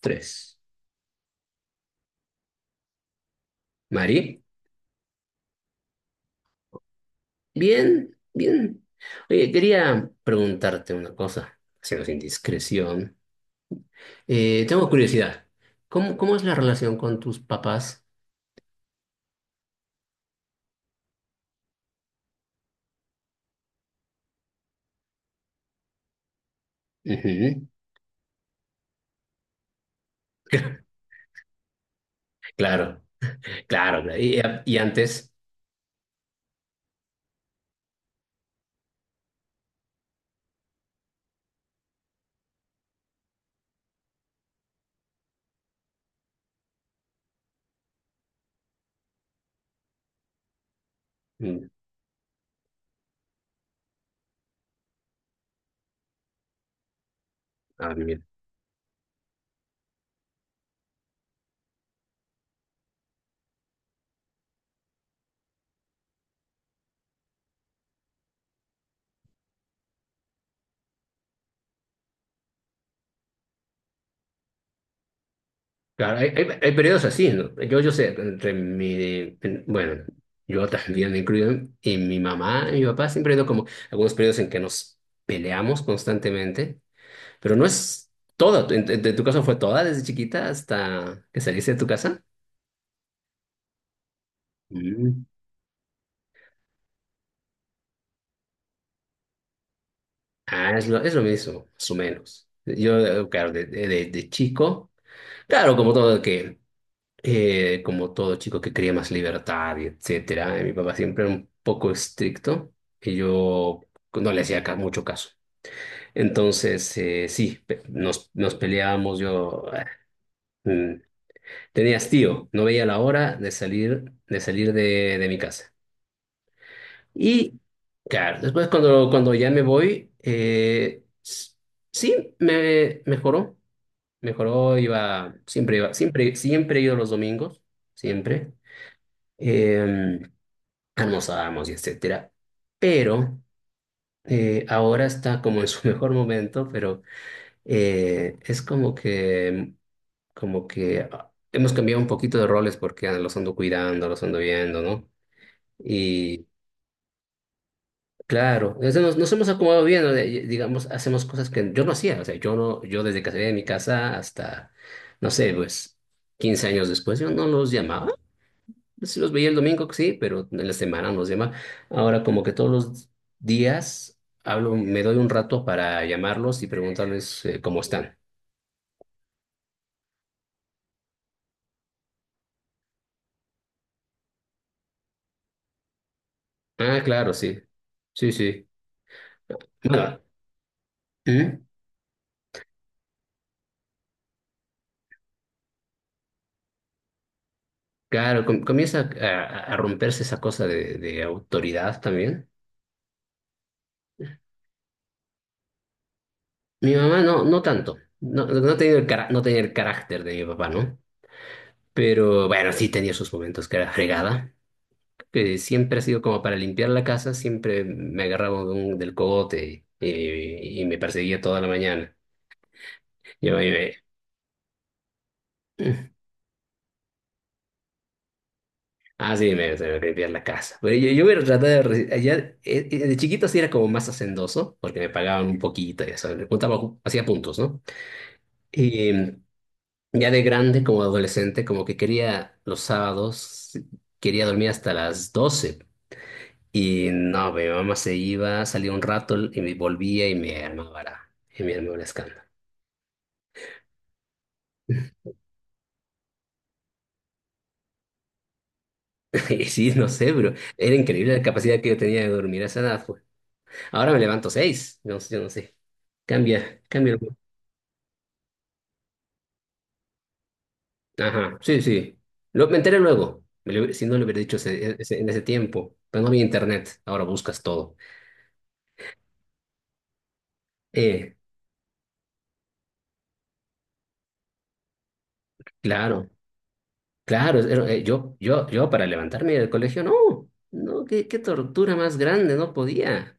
Tres. Mari, bien, bien. Oye, quería preguntarte una cosa, haciendo sin discreción. Tengo curiosidad. ¿Cómo es la relación con tus papás? Ujú. Claro, claro. Claro. Y antes. Mm. Ah, bien. Claro, hay periodos así, ¿no? Yo sé, entre mi, bueno, yo también me incluyo, y mi mamá y mi papá siempre han ido como algunos periodos en que nos peleamos constantemente. Pero no es toda. ¿En tu caso fue toda desde chiquita hasta que saliste de tu casa? Mm. Ah, es lo mismo, más o menos. Yo, claro, de chico, claro, como todo que, como todo chico que quería más libertad y etcétera. Mi papá siempre era un poco estricto y yo no le hacía mucho caso. Entonces, sí, nos peleábamos. Yo, mm, tenía hastío, no veía la hora de salir, de salir de mi casa. Y claro, después cuando ya me voy, sí, me mejoró. Mejoró, iba, siempre, siempre he ido los domingos, siempre. Eh, Almorzábamos y etcétera. Pero ahora está como en su mejor momento, pero es como que hemos cambiado un poquito de roles porque los ando cuidando, los ando viendo, ¿no? Claro, desde, nos hemos acomodado bien, ¿no? Digamos, hacemos cosas que yo no hacía, o sea, yo no, yo desde que salí de mi casa hasta, no sé, pues 15 años después, yo no los llamaba, sí los veía el domingo, sí, pero en la semana no los llamaba. Ahora como que todos los días hablo, me doy un rato para llamarlos y preguntarles cómo están. Ah, claro, sí, sí, sí. Bueno. ¿Mm? Claro, comienza a romperse esa cosa de autoridad también. Mi mamá no, no tanto. No, no tenía el carácter de mi papá, ¿no? Pero bueno, sí tenía sus momentos que era fregada, que siempre ha sido como para limpiar la casa, siempre me agarraba de del cogote y me perseguía toda la mañana. Yo me, me- ah, sí, se me limpiar la casa. Pero yo me trataba de allá. De chiquito sí era como más hacendoso, porque me pagaban un poquito, y eso, le juntaba, hacía puntos, ¿no? Ya de grande, como adolescente, como que quería los sábados, quería dormir hasta las 12. Y no, mi mamá se iba, salía un rato y me volvía y me armaba el escándalo. Y sí, no sé, pero era increíble la capacidad que yo tenía de dormir a esa edad, pues. Ahora me levanto seis, no sé, yo no sé. Cambia, cambia. Ajá, sí, sí. Me enteré luego. Si no le hubiera dicho en ese tiempo. Pero no había internet, ahora buscas todo. Eh, claro. Claro, yo para levantarme del colegio, no, no, qué tortura más grande, no podía,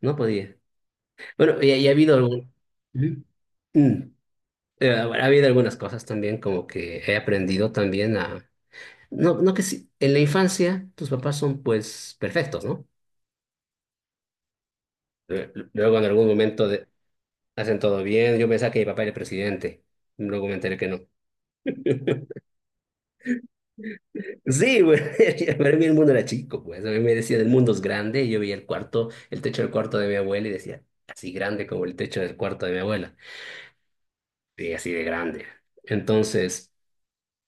no podía. Bueno, y ha habido algún. Ujú. Mm. Ha habido algunas cosas también como que he aprendido también a. No, no que si en la infancia tus papás son pues perfectos, ¿no? Luego en algún momento hacen todo bien. Yo pensaba que mi papá era el presidente, luego me enteré que no. Sí, güey, para mí el mundo era chico, pues. A mí me decían el mundo es grande y yo veía el cuarto, el techo del cuarto de mi abuela y decía, así grande como el techo del cuarto de mi abuela. Sí, así de grande. Entonces,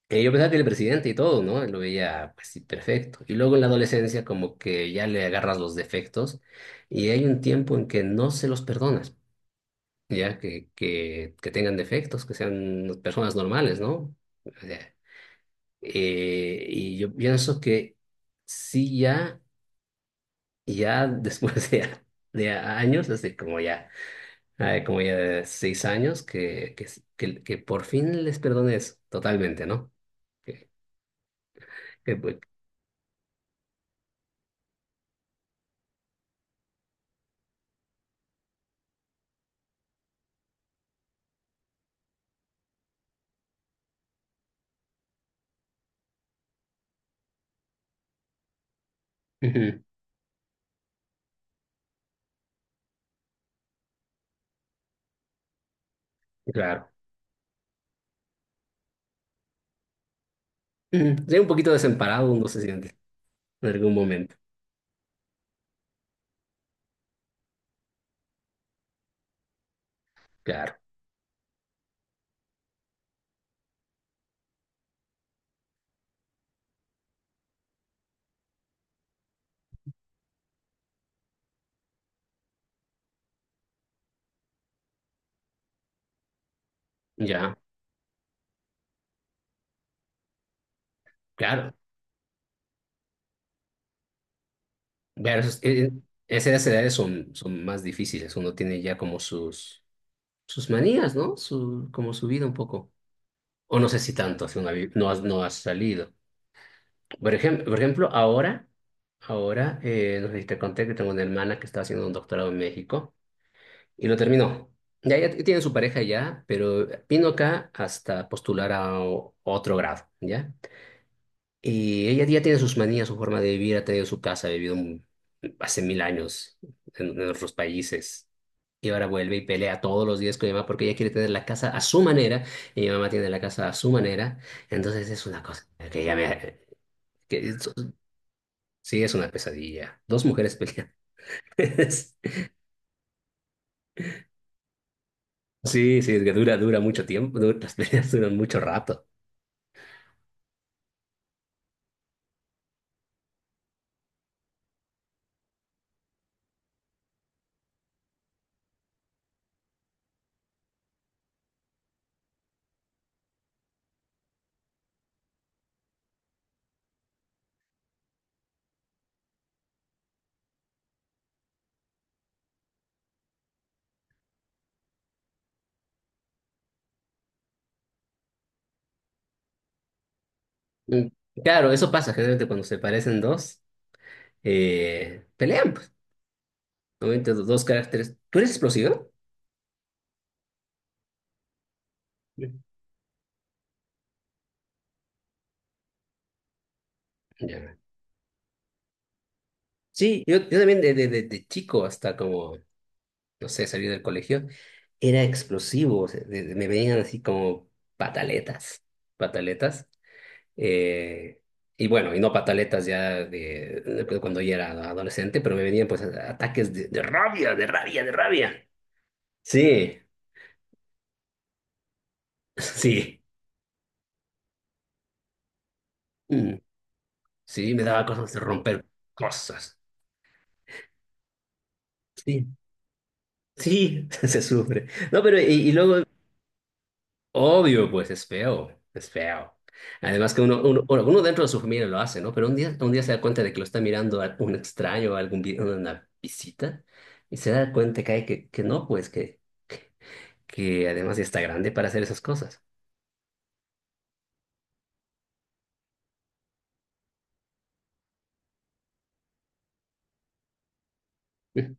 yo pensaba que era el presidente y todo, ¿no? Lo veía, pues, sí, perfecto. Y luego en la adolescencia como que ya le agarras los defectos y hay un tiempo en que no se los perdonas, ya que tengan defectos, que sean personas normales, ¿no? O sea, y yo pienso que sí, ya. Y ya después de años, hace como ya 6 años, que por fin les perdones totalmente, ¿no? Que, pues, ujú, claro. Ujú. Sí, un poquito desemparado uno se siente en algún momento. Claro, ya, claro. Pero esas edades son más difíciles. Uno tiene ya como sus manías, ¿no? Como su vida un poco. O no sé si tanto, si no has salido. Por ejemplo, ahora, ahora, no sé si te conté que tengo una hermana que está haciendo un doctorado en México y lo terminó. Ya, ya tiene su pareja ya, pero vino acá hasta postular a otro grado, ¿ya? Y ella ya tiene sus manías, su forma de vivir, ha tenido su casa, ha vivido hace mil años en otros países. Y ahora vuelve y pelea todos los días con mi mamá porque ella quiere tener la casa a su manera y mi mamá tiene la casa a su manera. Entonces es una cosa que ya me. que es- Sí, es una pesadilla. Dos mujeres pelean. Sí, sí, es que dura mucho tiempo, las peleas duran mucho rato. Mm. Claro, eso pasa generalmente cuando se parecen dos, pelean, pues. Normalmente dos caracteres. ¿Tú eres explosivo? Sí. Ya. Sí, yo también de chico hasta como, no sé, salir del colegio, era explosivo. O sea, me venían así como pataletas, pataletas. Eh, y bueno, y no pataletas ya de pues, cuando yo era adolescente, pero me venían pues ataques de rabia, de rabia, de rabia. Sí, sí, Mm, sí, me daba cosas de romper cosas. Sí, sí, se sufre. No, pero y luego, obvio, pues es feo, es feo. Además que uno, bueno, uno dentro de su familia lo hace, ¿no? Pero un día se da cuenta de que lo está mirando a un extraño, a una visita, y se da cuenta que, hay que no, pues que además ya está grande para hacer esas cosas. Eh,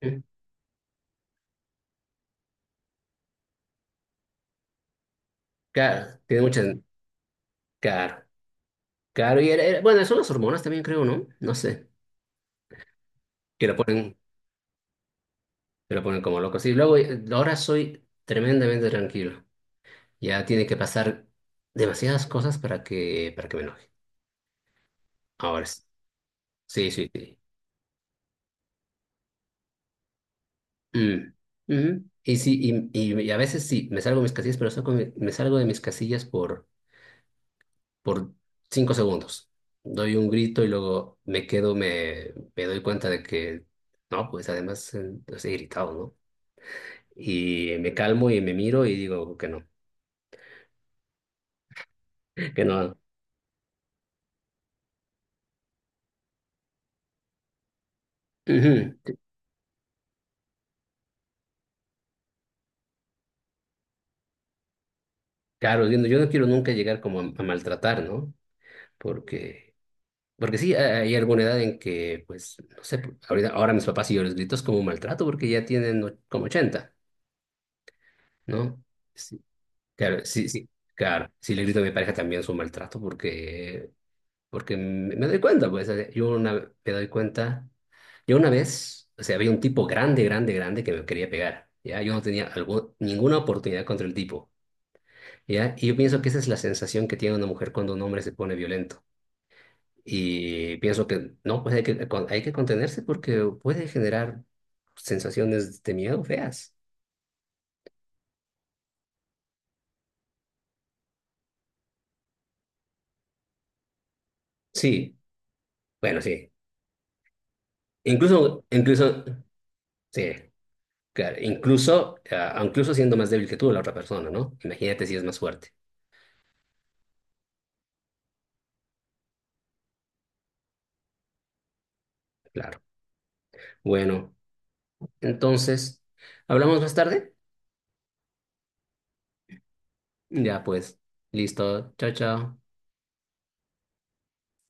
eh. Claro, tiene muchas. Claro, claro. Y bueno, son las hormonas también, creo, ¿no? No sé. Que lo ponen, que lo ponen como loco. Sí, luego ahora soy tremendamente tranquilo. Ya tiene que pasar demasiadas cosas para que me enoje. Ahora sí. Sí, sí, sí. Mm, mm. Y sí, y a veces sí, me salgo de mis casillas, pero me salgo de mis casillas por 5 segundos. Doy un grito y luego me quedo, me doy cuenta de que, no, pues además pues, he gritado, ¿no? Y me calmo y me miro y digo que no, que no. Ujú. Claro, yo no quiero nunca llegar como a maltratar, ¿no? Porque, porque sí, hay alguna edad en que, pues, no sé, ahora mis papás y yo les grito es como un maltrato porque ya tienen como 80, ¿no? Sí. Claro, sí, sí. Claro, si le grito a mi pareja también es un maltrato porque me doy cuenta, pues, me doy cuenta, yo una vez, o sea, había un tipo grande, grande, grande que me quería pegar, ¿ya? Yo no tenía ninguna oportunidad contra el tipo, ¿ya? Y yo pienso que esa es la sensación que tiene una mujer cuando un hombre se pone violento. Y pienso que no, pues hay que contenerse porque puede generar sensaciones de miedo feas. Sí, bueno, sí. Incluso, sí, claro, incluso siendo más débil que tú la otra persona, ¿no? Imagínate si es más fuerte. Claro. Bueno, entonces, ¿hablamos más tarde? Ya pues, listo. Chao, chao.